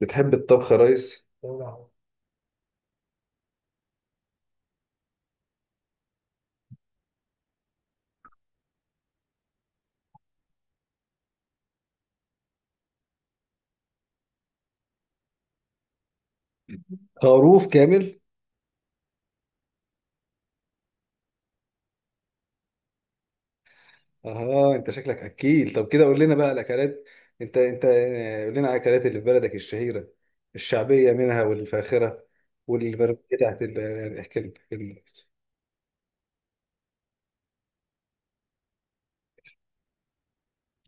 بتحب الطبخ يا ريس؟ خروف كامل؟ اها، انت شكلك اكيل. طب كده قول لنا بقى الاكلات. انت قول لنا على الاكلات اللي في بلدك الشهيره، الشعبيه منها والفاخره، والبربريه بتاعت يعني احكي لنا احكي لنا.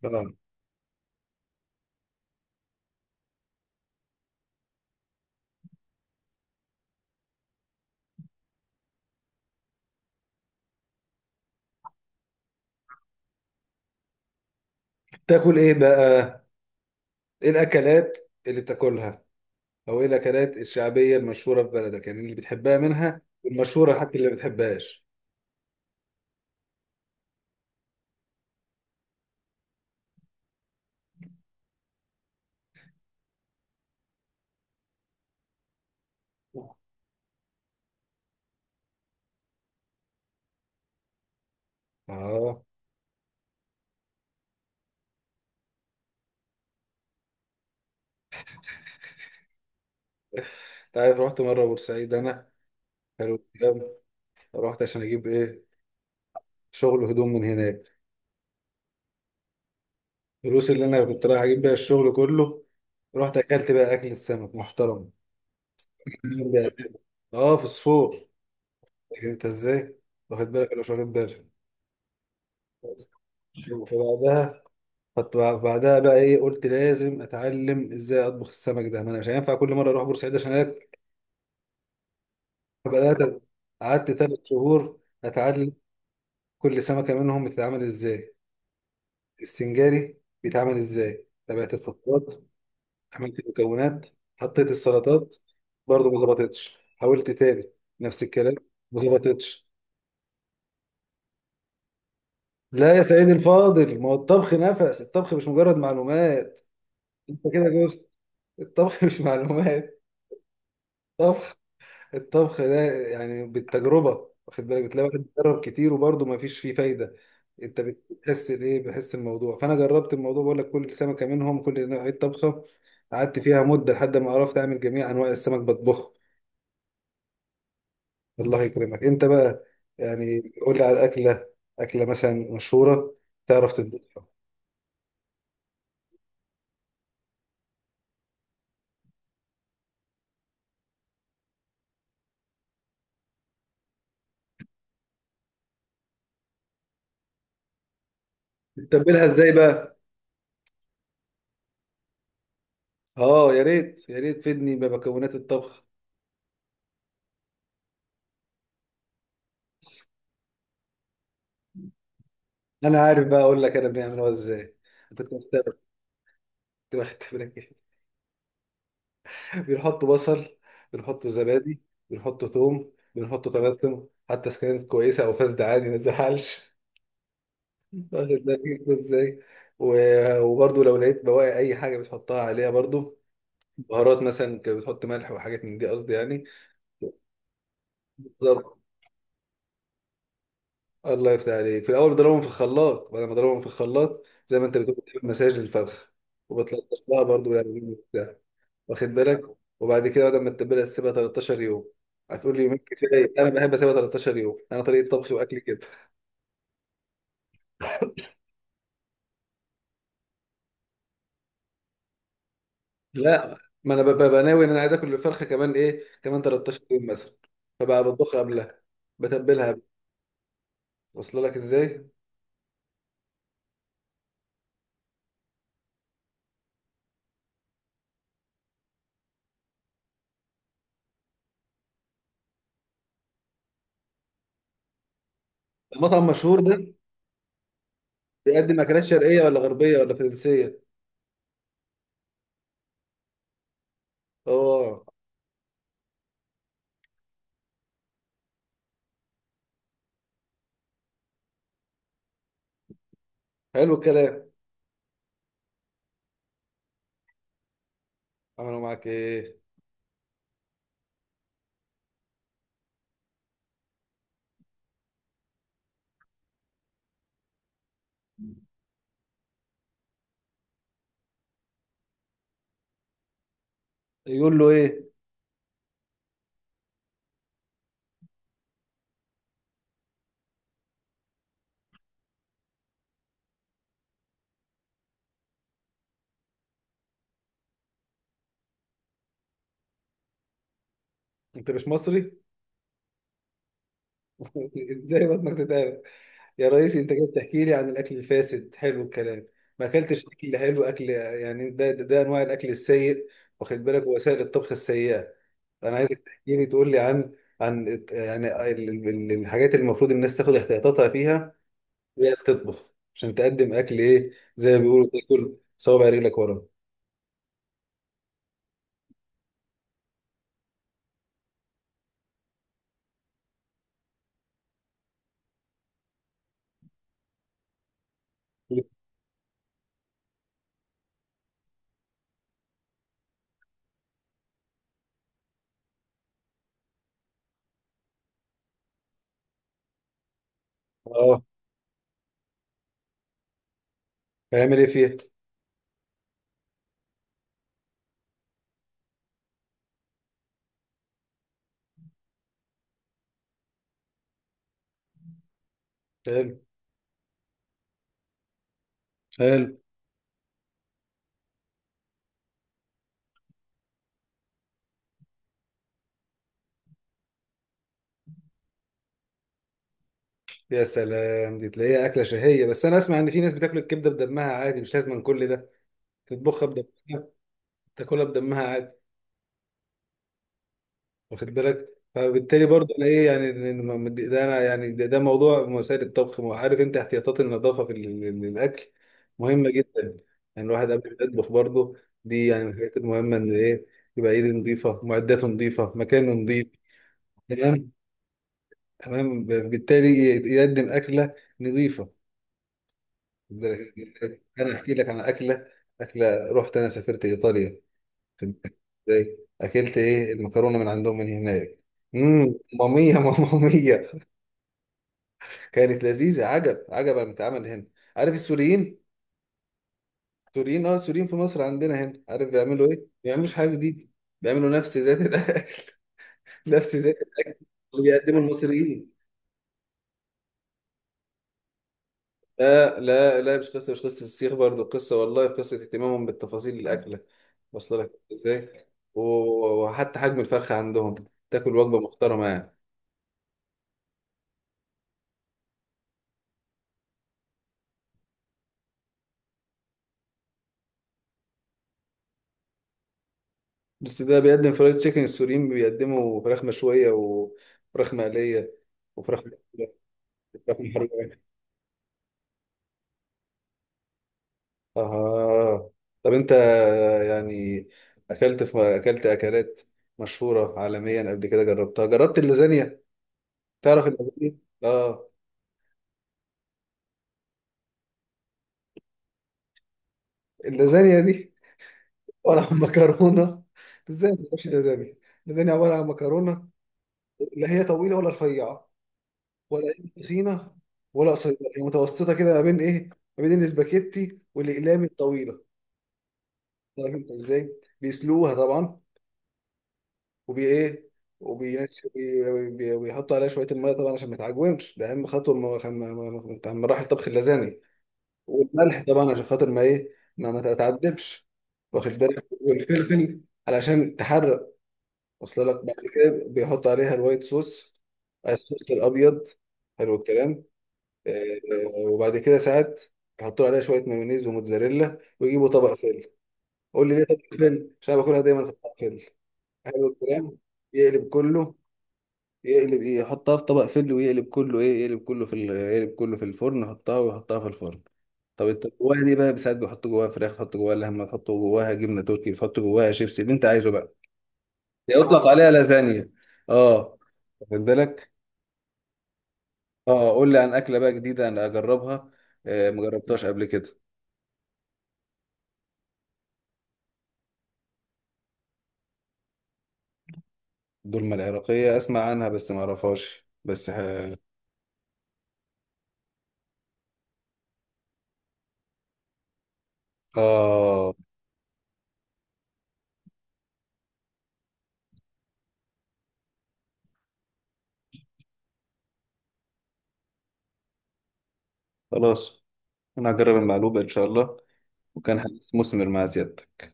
اه. تاكل ايه بقى؟ ايه الاكلات اللي بتاكلها؟ او ايه الاكلات الشعبيه المشهوره في بلدك، يعني اللي بتحبها منها والمشهوره، حتى اللي ما بتحبهاش؟ اه. انت عارف؟ رحت مره بورسعيد انا. حلو الكلام. رحت عشان اجيب ايه؟ شغل هدوم من هناك. الفلوس اللي انا كنت رايح اجيب بيها الشغل كله، رحت اكلت بقى اكل السمك محترم. اه، في صفور. لكن انت ازاي، واخد بالك ولا مش واخد بالك؟ فبعدها، بعدها بقى ايه، قلت لازم اتعلم ازاي اطبخ السمك ده، ما انا مش هينفع كل مره اروح بورسعيد عشان اكل. فبقى أنا قعدت 3 شهور اتعلم، كل سمكه منهم بتتعمل ازاي، السنجاري بيتعمل ازاي، تابعت الخطوات، عملت المكونات، حطيت السلطات. برضو ما ظبطتش. حاولت تاني، نفس الكلام، ما ظبطتش. لا يا سيدي الفاضل، ما هو الطبخ نفس الطبخ، مش مجرد معلومات. انت كده جوست. الطبخ مش معلومات طبخ. الطبخ ده يعني بالتجربة، واخد بالك، بتلاقي واحد بيجرب كتير وبرضه ما فيش فيه فايدة. انت بتحس الايه، بتحس الموضوع. فانا جربت الموضوع، بقول لك كل سمكة منهم كل نوع طبخة. قعدت فيها مدة لحد ما عرفت اعمل جميع انواع السمك بطبخه. الله يكرمك. انت بقى يعني قول لي على اكله، اكله مثلا مشهوره، تعرف تطبخها؟ تتبلها ازاي بقى؟ اه، يا ريت يا ريت تفيدني بمكونات الطبخ. انا عارف، بقى اقول لك انا بنعملها ازاي. كنت مختبر، كنت بختبرك. ايه بنحط بصل، بنحط زبادي، بنحط توم، بنحط طماطم، حتى اذا كانت كويسه او فاسده عادي ما تزعلش. واخد بالك ازاي؟ وبرضو لو لقيت بواقي اي حاجه بتحطها عليها برضو. بهارات مثلا، كنت بتحط ملح وحاجات من دي، قصدي يعني. بالظبط. الله يفتح عليك. في الاول بضربهم في الخلاط، بعد ما اضربهم في الخلاط زي ما انت بتقول بتعمل مساج للفرخه، وبتلطش لها برضو يعني وبتاع. واخد بالك. وبعد كده بعد ما تتبلها تسيبها 13 يوم. هتقول لي يومين كفايه، انا بحب اسيبها 13 يوم، انا طريقه طبخي واكلي كده. لا، ما انا ببقى ناوي ان انا عايز اكل الفرخه كمان، ايه، كمان 13 يوم مثلا. فبقى بطبخها قبلها، بتبلها. واصله لك ازاي؟ المطعم مشهور ده؟ بيقدم اكلات شرقيه ولا غربيه ولا فرنسيه؟ اه. حلو الكلام. عملوا معاك ايه؟ يقول له ايه؟ انت مش مصري؟ ازاي بطنك تتعب؟ يا رئيسي، انت جاي تحكي لي عن الاكل الفاسد؟ حلو الكلام. ما اكلتش اكل حلو، اكل يعني ده انواع الاكل السيء. واخد بالك، وسائل الطبخ السيئه. انا عايزك تحكي لي، تقول لي عن يعني الحاجات اللي المفروض الناس تاخد احتياطاتها فيها وهي بتطبخ، عشان تقدم اكل ايه، زي ما بيقولوا تاكل صوابع رجلك ورا. اه، هيعمل ايه فيها؟ حلو، حلو. يا سلام، دي تلاقيها أكلة شهية، بس أنا أسمع إن في ناس بتاكل الكبدة بدمها عادي، مش لازم كل ده. تطبخها بدمها، تاكلها بدمها عادي. واخد بالك؟ فبالتالي برضه أنا إيه، يعني ده أنا يعني ده موضوع مسائل الطبخ، وعارف أنت احتياطات النظافة في الأكل مهمة جدا. يعني الواحد قبل ما يطبخ برضه، دي يعني من الحاجات المهمة، إن إيه؟ يبقى إيده نظيفة، معداته نظيفة، مكانه نظيف. تمام، تمام، بالتالي يقدم أكلة نظيفة. خد بالك. انا احكي لك عن اكله، اكله، رحت انا سافرت ايطاليا، كنت ازاي، اكلت ايه المكرونه من عندهم من هناك؟ ماميه ماميه. كانت لذيذه، عجب عجب. انا بتعمل هنا، عارف السوريين؟ السوريين، اه، السوريين في مصر عندنا هنا، عارف بيعملوا ايه؟ ما بيعملوش حاجه جديده. بيعملوا نفس ذات الاكل. نفس ذات الاكل اللي بيقدمه المصريين. لا، لا، لا، مش قصة، مش قصة السيخ برضو، قصة والله قصة اهتمامهم بالتفاصيل الأكلة، واصلة لك ازاي؟ و- وحتى حجم الفرخة عندهم، تاكل وجبة محترمة يعني. بس ده بيقدم فرايد تشيكن، السوريين بيقدموا فراخ مشوية وفراخ مقلية، وفراخ محروقة. آه. طب أنت يعني أكلت أكلات مشهورة عالميا قبل كده، جربت اللازانيا؟ تعرف اللازانيا؟ آه. اللازانيا دي عبارة عن مكرونة. ازاي ما تبقاش لازانيا؟ لازانيا عبارة عن مكرونة، لا هي طويلة ولا رفيعة، ولا هي تخينة ولا قصيرة، هي متوسطة كده ما بين ايه، ما بين الاسباجيتي والاقلام الطويلة. طيب انت ازاي بيسلوها طبعا، وبي ايه، وبيحطوا عليها شوية المية طبعا عشان ما تعجنش، ده أهم خطوة من مراحل طبخ اللازانيا، والملح طبعا عشان خاطر ما ايه، ما تتعذبش، واخد بالك، والفلفل علشان تحرق. وصل لك؟ بعد كده بيحط عليها الوايت صوص، الصوص الابيض، حلو الكلام. آه، وبعد كده ساعات يحطوا عليها شويه مايونيز وموتزاريلا، ويجيبوا طبق فل. قول لي ليه طبق فل؟ عشان أنا باكلها دايما في طبق فل. حلو الكلام. يقلب كله، يقلب ايه، يحطها في طبق فل ويقلب كله، ايه، يقلب كله في الفرن، يحطها في الفرن. طب انت جواها دي بقى ساعات بيحطوا جواها فراخ، تحط جواها لحمه، تحط جواها جبنه تركي، تحط جواها شيبسي، اللي انت عايزه بقى يطلق عليها لازانيا. اه، واخد بالك. اه قول لي عن اكله بقى جديده انا اجربها، آه مجربتهاش قبل كده. دولمة العراقيه اسمع عنها بس ما اعرفهاش، بس اه، خلاص. انا هجرب المقلوبه ان شاء الله، وكان هنستثمر مع زيادتك.